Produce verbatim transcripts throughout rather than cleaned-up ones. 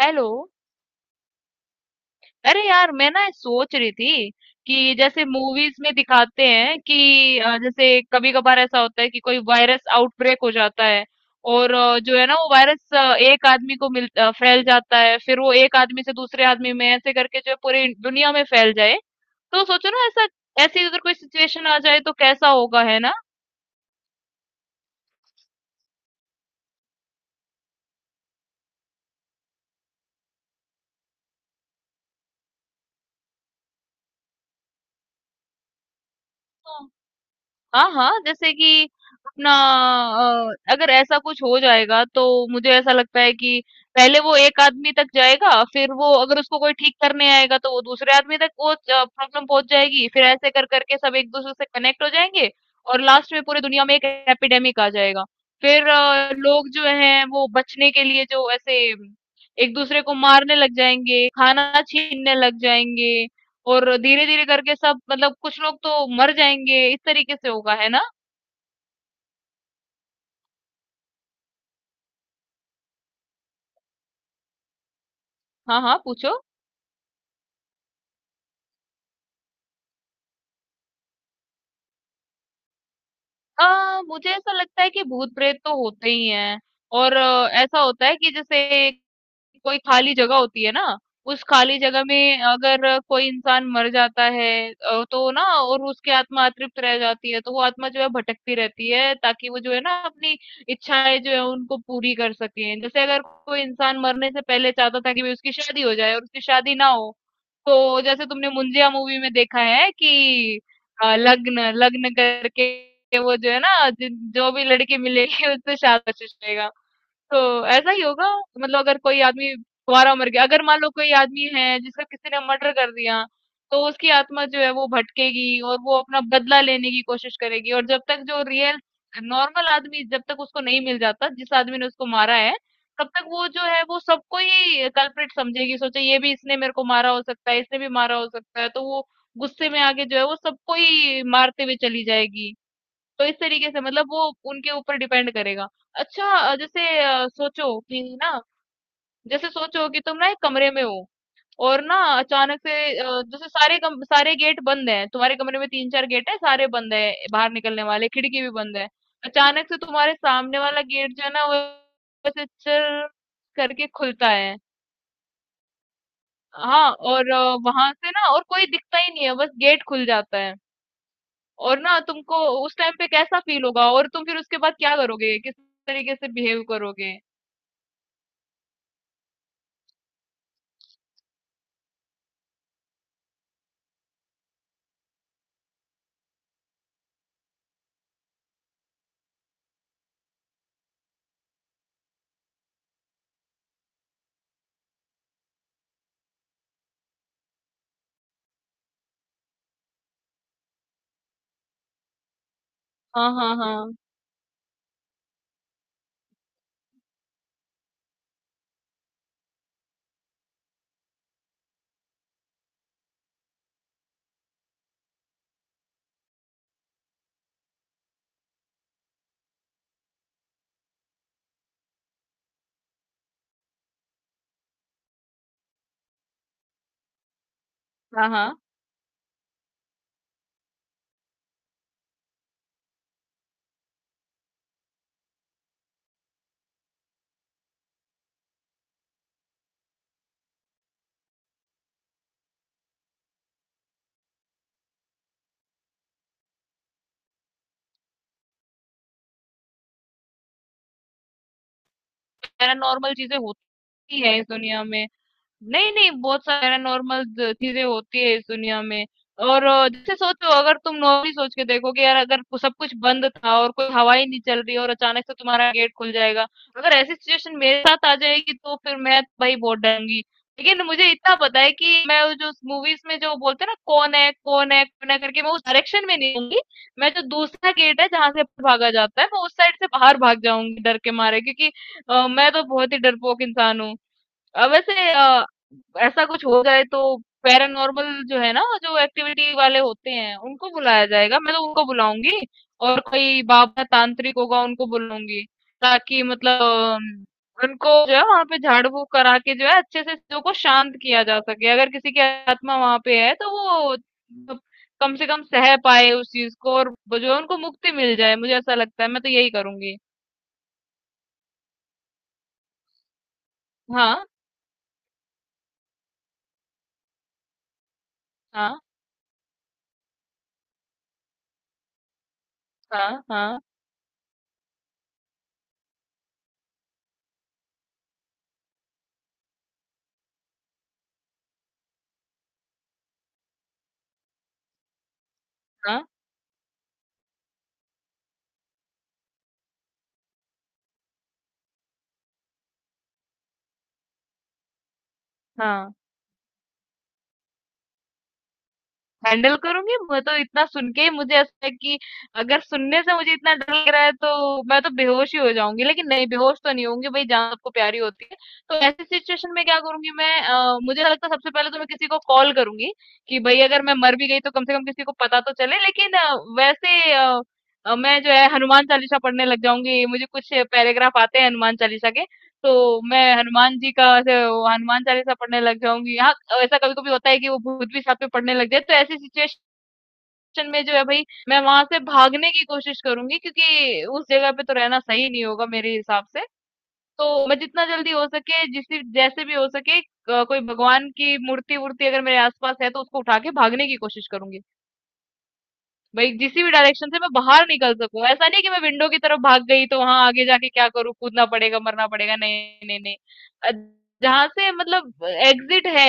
Hello. अरे यार मैं ना सोच रही थी कि जैसे मूवीज में दिखाते हैं कि अ, जैसे कभी कभार ऐसा होता है कि कोई वायरस आउटब्रेक हो जाता है। और अ, जो है ना वो वायरस एक आदमी को मिल अ, फैल जाता है फिर वो एक आदमी से दूसरे आदमी में ऐसे करके जो है पूरी दुनिया में फैल जाए। तो सोचो ना ऐसा ऐसी अगर कोई सिचुएशन आ जाए तो कैसा होगा, है ना। हाँ, हाँ, जैसे कि अपना अ, अगर ऐसा कुछ हो जाएगा तो मुझे ऐसा लगता है कि पहले वो एक आदमी तक जाएगा, फिर वो अगर उसको कोई ठीक करने आएगा तो वो दूसरे आदमी तक वो प्रॉब्लम पहुंच जाएगी, फिर ऐसे कर करके सब एक दूसरे से कनेक्ट हो जाएंगे। और लास्ट में पूरी दुनिया में एक एपिडेमिक आ जाएगा। फिर अ, लोग जो हैं वो बचने के लिए जो ऐसे एक दूसरे को मारने लग जाएंगे, खाना छीनने लग जाएंगे। और धीरे-धीरे करके सब मतलब कुछ लोग तो मर जाएँगे, इस तरीके से होगा, है ना? हाँ, हाँ, पूछो। अ, मुझे ऐसा लगता है कि भूत-प्रेत तो होते ही हैं। और अ, ऐसा होता है कि जैसे कोई खाली जगह होती है ना, उस खाली जगह में अगर कोई इंसान मर जाता है, अ, तो ना, और उसकी आत्मा अतृप्त रह जाती है, तो वो आत्मा जो है भटकती रहती है ताकि वो जो है ना अपनी इच्छाएँ जो है उनको पूरी कर सकें। जैसे अगर कोई इंसान मरने से पहले चाहता था कि भई उसकी शादी हो जाए और उसकी शादी ना हो, तो जैसे तुमने मुंजिया मूवी में देखा है कि अ, लग्न लग्न करके वो जो है ना जिन जो भी लड़की मिलेगी उससे शादी का कोशिश करेगा। तो ऐसा ही होगा। मतलब अगर कोई आदमी कुंवारा मर गया, अगर मान लो कोई आदमी है जिसका किसी ने मर्डर कर दिया, तो उसकी आत्मा जो है वो भटकेगी और वो अपना बदला लेने की कोशिश करेगी। और जब तक जो रियल नॉर्मल आदमी, जब तक उसको नहीं मिल जाता जिस आदमी ने उसको मारा है, तब तक वो जो है वो सबको ही कल्प्रिट समझेगी। सोचे ये भी इसने मेरे को मारा हो सकता है, इसने भी मारा हो सकता है, तो वो गुस्से में आके जो है वो सबको ही मारते हुए चली जाएगी। तो इस तरीके से मतलब वो उनके ऊपर डिपेंड करेगा। अच्छा अ, जैसे अ, सोचो कि ना, जैसे सोचो कि तुम ना एक कमरे में हो, और ना अचानक से अ, जैसे सारे कम, सारे गेट बंद हैं, तुम्हारे कमरे में तीन चार गेट है, सारे बंद है, बाहर निकलने वाले खिड़की भी बंद है। अचानक से तुम्हारे सामने वाला गेट जो है ना वो ऐसे चर करके खुलता है। हाँ और वहां से ना और कोई दिखता ही नहीं है, बस गेट खुल जाता है। और ना तुमको उस टाइम पे कैसा फील होगा और तुम फिर उसके बाद क्या करोगे, किस तरीके से बिहेव करोगे। हाँ हाँ हाँ। हाँ। हाँ। पैरानॉर्मल चीजें होती है इस दुनिया में। नहीं, नहीं, बहुत सारी पैरानॉर्मल द चीज़ें होती है इस दुनिया में। और अ, जैसे सोचो अगर तुम नॉर्मली सोच के देखो कि यार अगर कु- सब कुछ बंद था और कोई हवा ही नहीं चल रही और अचानक से तुम्हारा गेट खुल जाएगा, अगर ऐसी सिचुएशन मेरे साथ आ जाएगी तो फिर मैं तो भाई बहुत डरूंगी। लेकिन मुझे इतना पता है कि मैं वो जो मूवीज में जो बोलते हैं ना कौन है कौन है कौन है करके, मैं उस डायरेक्शन में नहीं जाऊंगी। मैं जो दूसरा गेट है जहां से भागा जाता है, मैं उस साइड से बाहर भाग जाऊंगी डर के मारे, क्योंकि अ, मैं तो बहुत ही डरपोक इंसान हूँ। अ, वैसे अ, ऐसा कुछ हो जाए तो पैरानॉर्मल जो है ना जो एक्टिविटी वाले होते हैं उनको बुलाया जाएगा, मैं तो उनको बुलाऊंगी। और कोई बाबा तांत्रिक होगा उनको बुलाऊंगी, ताकि मतलब अम, उनको जो है वहां पे झाड़ फूक करा के जो है अच्छे से चीजों को शांत किया जा सके। अगर किसी की आत्मा वहां पे है तो वो मतलब कम से कम सह पाए उस चीज को और वो जो है उनको मुक्ति मिल जाए। मुझे ऐसा लगता है, मैं तो यही करूंगी। हाँ हाँ हाँ। हाँ हाँ। हाँ, हैंडल करूंगी। मैं तो इतना सुन के ही मुझे ऐसा है कि अगर सुनने से मुझे इतना डर लग रहा है तो मैं तो बेहोश ही हो जाऊंगी। लेकिन नहीं, बेहोश तो नहीं होंगी, भाई जान सबको प्यारी होती है। तो ऐसी सिचुएशन में क्या करूंगी मैं, अ, मुझे लगता है सबसे पहले तो मैं किसी को कॉल करूंगी कि भाई अगर मैं मर भी गई तो कम से कम किसी को पता तो चले। लेकिन अ, वैसे अ, अ, मैं जो है हनुमान चालीसा पढ़ने लग जाऊंगी। मुझे कुछ पैराग्राफ आते हैं हनुमान चालीसा के, तो मैं हनुमान जी का ऐसे वो हनुमान चालीसा पढ़ने लग जाऊंगी। हाँ ऐसा कभी कभी होता है कि वो भूत भी साथ में पढ़ने लग जाए। तो ऐसी सिचुएशन में जो है भाई मैं वहां से भागने की कोशिश करूंगी, क्योंकि उस जगह पे तो रहना सही नहीं होगा मेरे हिसाब से। तो मैं जितना जल्दी हो सके, जिस जैसे भी हो सके अ, कोई भगवान की मूर्ति वूर्ति अगर मेरे आसपास है तो उसको उठा के भागने की कोशिश करूंगी। भाई किसी भी डायरेक्शन से मैं बाहर निकल सकूं, ऐसा नहीं कि मैं विंडो की तरफ भाग गई तो वहां आगे जाके क्या करूं, कूदना पड़ेगा मरना पड़ेगा, नहीं नहीं नहीं। अ, जहां से मतलब एग्जिट है,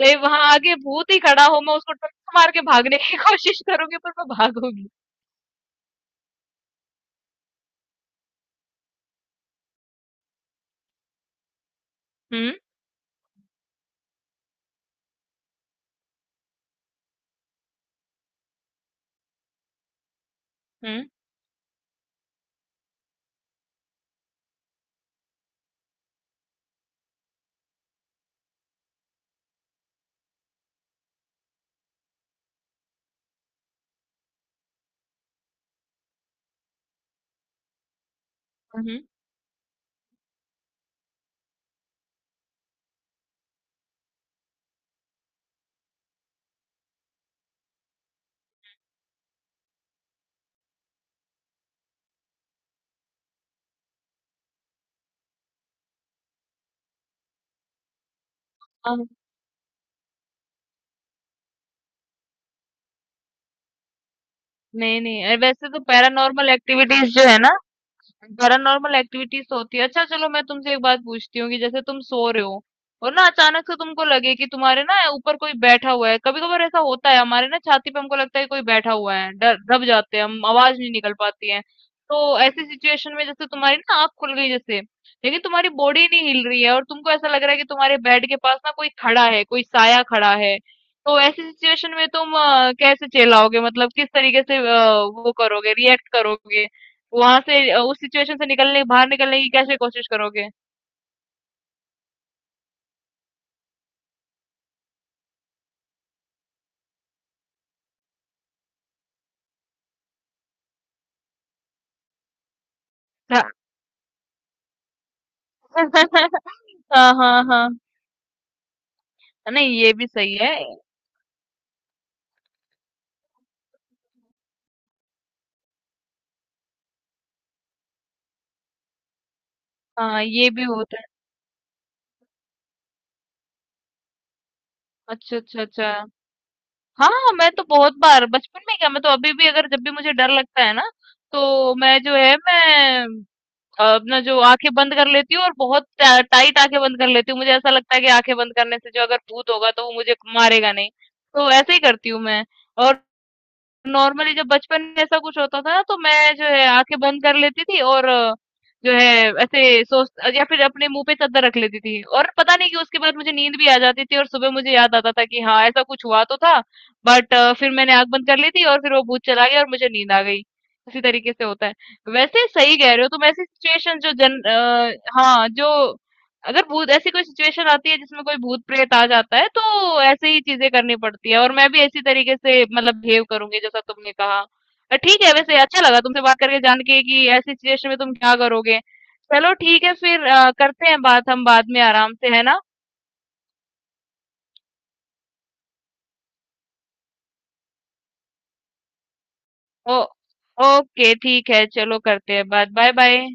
तो वहां आगे भूत ही खड़ा हो मैं उसको टक्कर मार के भागने की कोशिश करूंगी, पर मैं भागूंगी। हम्म। हम्म। हम्म। हाँ। नहीं नहीं, अ, वैसे तो पैरानॉर्मल एक्टिविटीज जो है ना पैरानॉर्मल एक्टिविटीज होती है। अच्छा चलो मैं तुमसे एक बात पूछती हूँ कि जैसे तुम सो रहे हो और ना अचानक से तुमको लगे कि तुम्हारे ना ऊपर कोई बैठा हुआ है। कभी कभार ऐसा होता है हमारे ना छाती पे हमको लगता है कि कोई बैठा हुआ है, डर दब जाते हैं हम, आवाज नहीं निकल पाती है। तो ऐसी सिचुएशन में जैसे तुम्हारी ना आंख खुल गई जैसे, लेकिन तुम्हारी बॉडी नहीं हिल रही है और तुमको ऐसा लग रहा है कि तुम्हारे बेड के पास ना कोई खड़ा है, कोई साया खड़ा है। तो ऐसी सिचुएशन में तुम अ, कैसे चिल्लाओगे, मतलब किस तरीके से अ, वो करोगे, रिएक्ट करोगे, वहाँ से अ, उस सिचुएशन से निकलने, बाहर निकलने की कैसे कोशिश करोगे? हाँ। हाँ, हाँ। हाँ। नहीं ये भी सही है। हाँ, ये भी होता है। अच्छा, अच्छा, अच्छा। हाँ, मैं तो बहुत बार बचपन में क्या मैं तो अभी भी अगर जब भी मुझे डर लगता है ना, तो मैं जो है मैं अ, अपना जो आँखें बंद कर लेती हूँ, और बहुत टा टाइट आँखें बंद कर लेती हूँ। मुझे ऐसा लगता है कि आँखें बंद करने से जो अगर भूत होगा तो वो मुझे मारेगा नहीं। तो ऐसे ही करती हूँ मैं। और नॉर्मली जब बचपन में ऐसा कुछ होता था ना तो मैं जो है आँखें बंद कर लेती थी और अ, जो है ऐसे सोच या फिर अपने मुँह पे चद्दर रख लेती थी, और पता नहीं कि उसके बाद मुझे नींद भी आ जाती थी और सुबह मुझे याद आता था कि हाँ ऐसा कुछ हुआ तो था, बट फिर मैंने आँख बंद कर ली थी और फिर वो भूत चला गया और मुझे नींद आ गई। इसी तरीके से होता है। वैसे सही कह रहे हो तुम। ऐसी सिचुएशन जो जन अ, हाँ, जो अगर भूत ऐसी कोई सिचुएशन आती है जिसमें कोई भूत प्रेत आ जाता है तो ऐसे ही चीजें करनी पड़ती है, और मैं भी इसी तरीके से मतलब बिहेव करूंगी जैसा तुमने कहा। अ, ठीक है, वैसे अच्छा लगा तुमसे बात करके जान के कि ऐसी सिचुएशन में तुम क्या करोगे। चलो ठीक है फिर अ, करते हैं बात हम बाद में आराम से, है ना। ओ ओके ठीक है, चलो करते हैं बात, बाय बाय।